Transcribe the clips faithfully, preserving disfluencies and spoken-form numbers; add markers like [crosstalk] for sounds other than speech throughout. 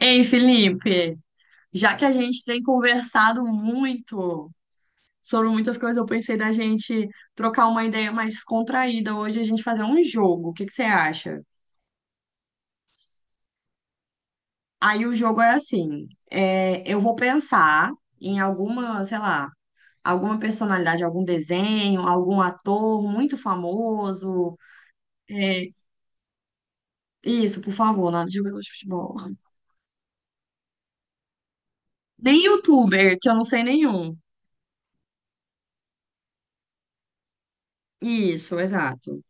Ei, Felipe, já que a gente tem conversado muito sobre muitas coisas, eu pensei da gente trocar uma ideia mais descontraída hoje, a gente fazer um jogo. O que que você acha? Aí o jogo é assim: é, eu vou pensar em alguma, sei lá, alguma personalidade, algum desenho, algum ator muito famoso. É, isso, por favor, nada de jogador de futebol. Nem youtuber, que eu não sei nenhum. Isso, exato.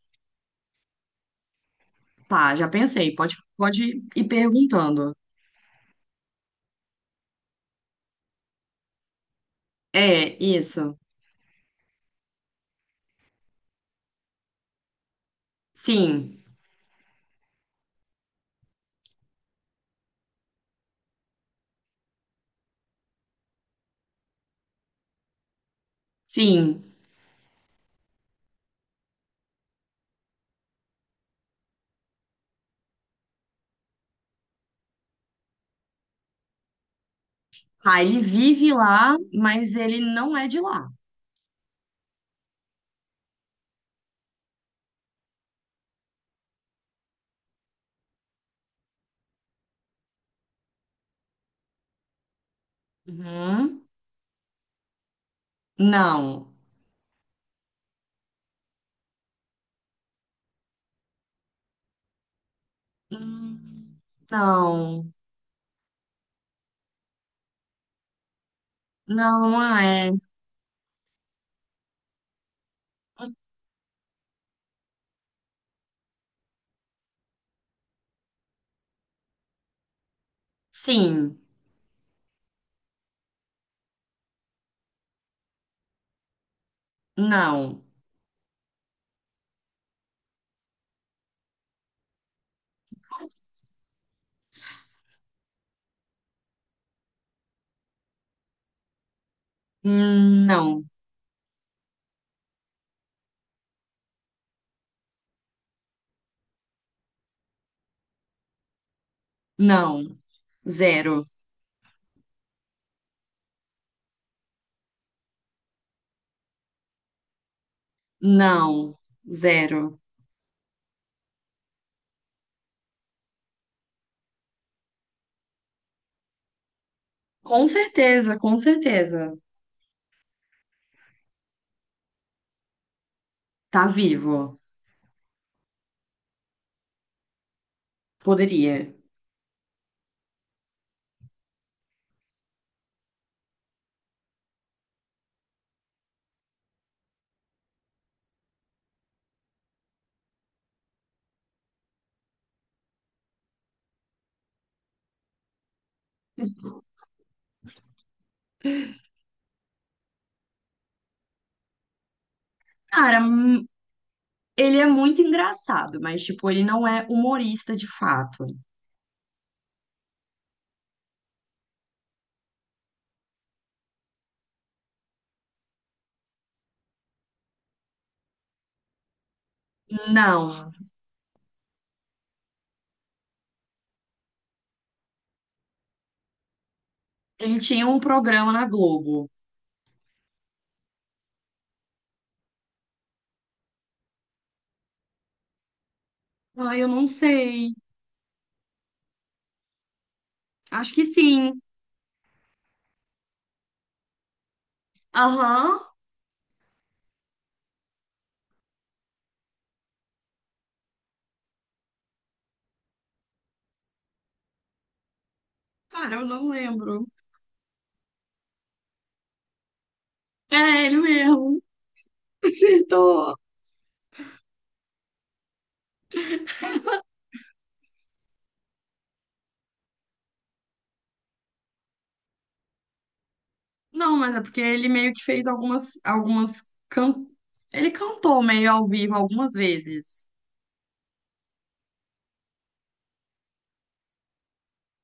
Tá, já pensei. Pode, pode ir perguntando. É, isso. Sim, sim. Ah, ele vive lá, mas ele não é de lá. Uhum. Não. Hum, não. Não, não é. Sim. Não. Hum, não. Não. Zero. Não. Zero. Com certeza, com certeza. Tá vivo. Poderia. Cara, ele é muito engraçado, mas, tipo, ele não é humorista de fato. Não. Ele tinha um programa na Globo. Ai, eu não sei. Acho que sim. Aham. Cara, eu não lembro. É, ele mesmo. [laughs] Acertou. Não, mas é porque ele meio que fez algumas, algumas can... Ele cantou meio ao vivo algumas vezes.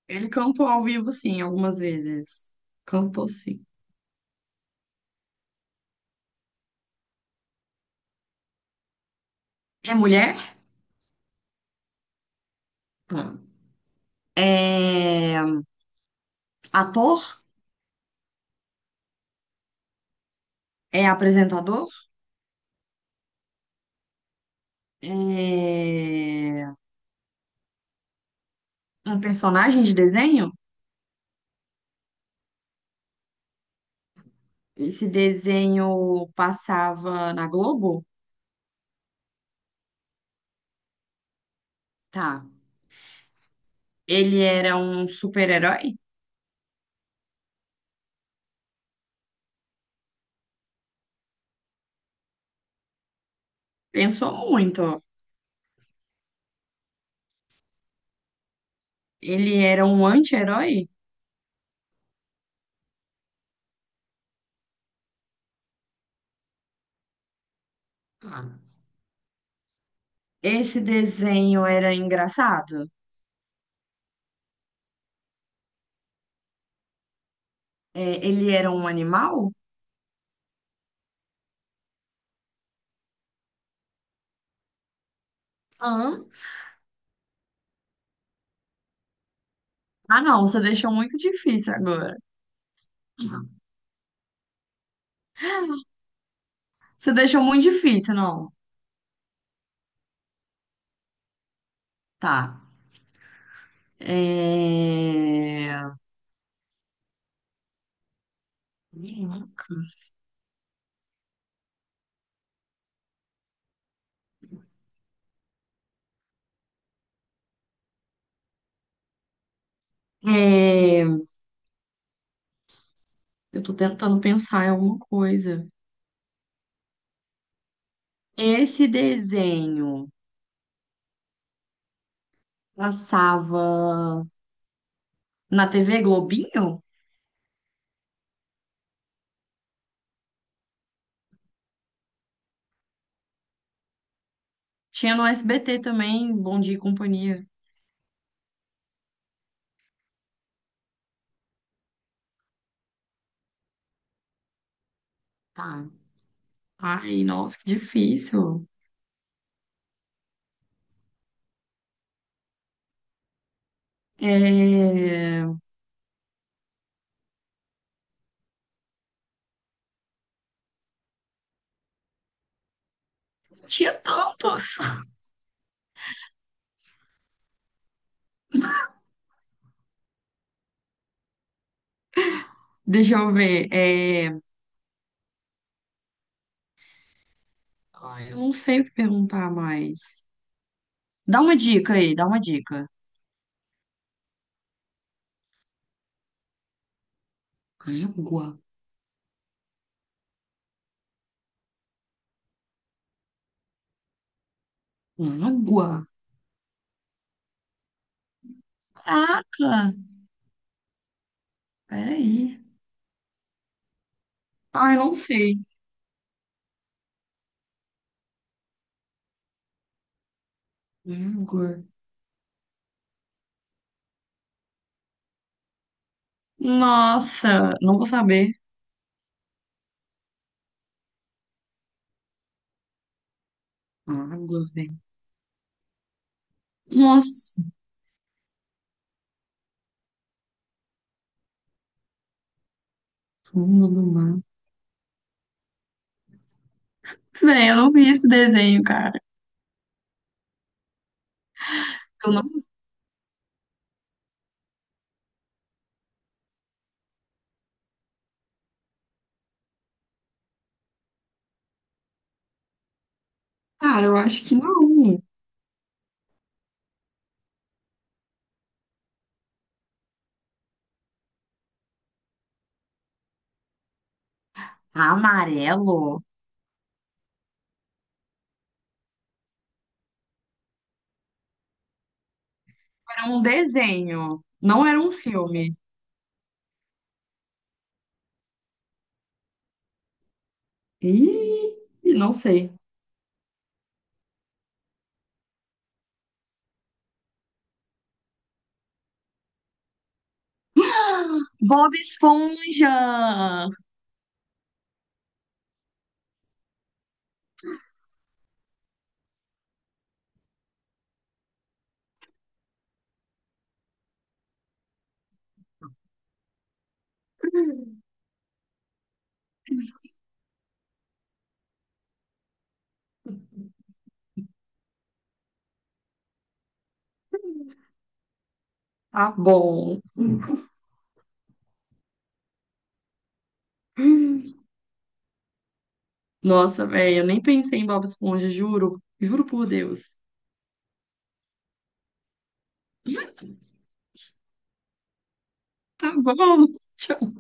Ele cantou ao vivo, sim, algumas vezes. Cantou, sim. É mulher? Tá. É ator? É apresentador? é, Um personagem de desenho. Esse desenho passava na Globo, tá? Ele era um super-herói? Pensou muito, ó. Ele era um anti-herói? Ah. Esse desenho era engraçado? É, ele era um animal? Hã? Ah, não, você deixou muito difícil agora. Você deixou muito difícil, não. Tá. É... Minhocas. É... Eu tô tentando pensar em alguma coisa. Esse desenho passava na T V Globinho? Tinha no S B T também, Bom Dia e Companhia. Tá. Ai, nossa, que difícil. É... Tinha tantos. [laughs] Deixa eu ver. É... Ai, eu não sei o que perguntar mais. Dá uma dica aí, dá uma dica. Água. Água. Caraca. Peraí. Ai, não sei. Água. Nossa, não vou saber. Água, velho. Nossa, fundo do mar. Véi, eu não vi esse desenho, cara. Eu não... Cara, eu acho que não. Amarelo? Era um desenho, não era um filme. Ih, não sei. Bob Esponja! Tá bom. Nossa, velho, eu nem pensei em Bob Esponja, juro. Juro por Deus. Tá bom. [laughs] Tchau.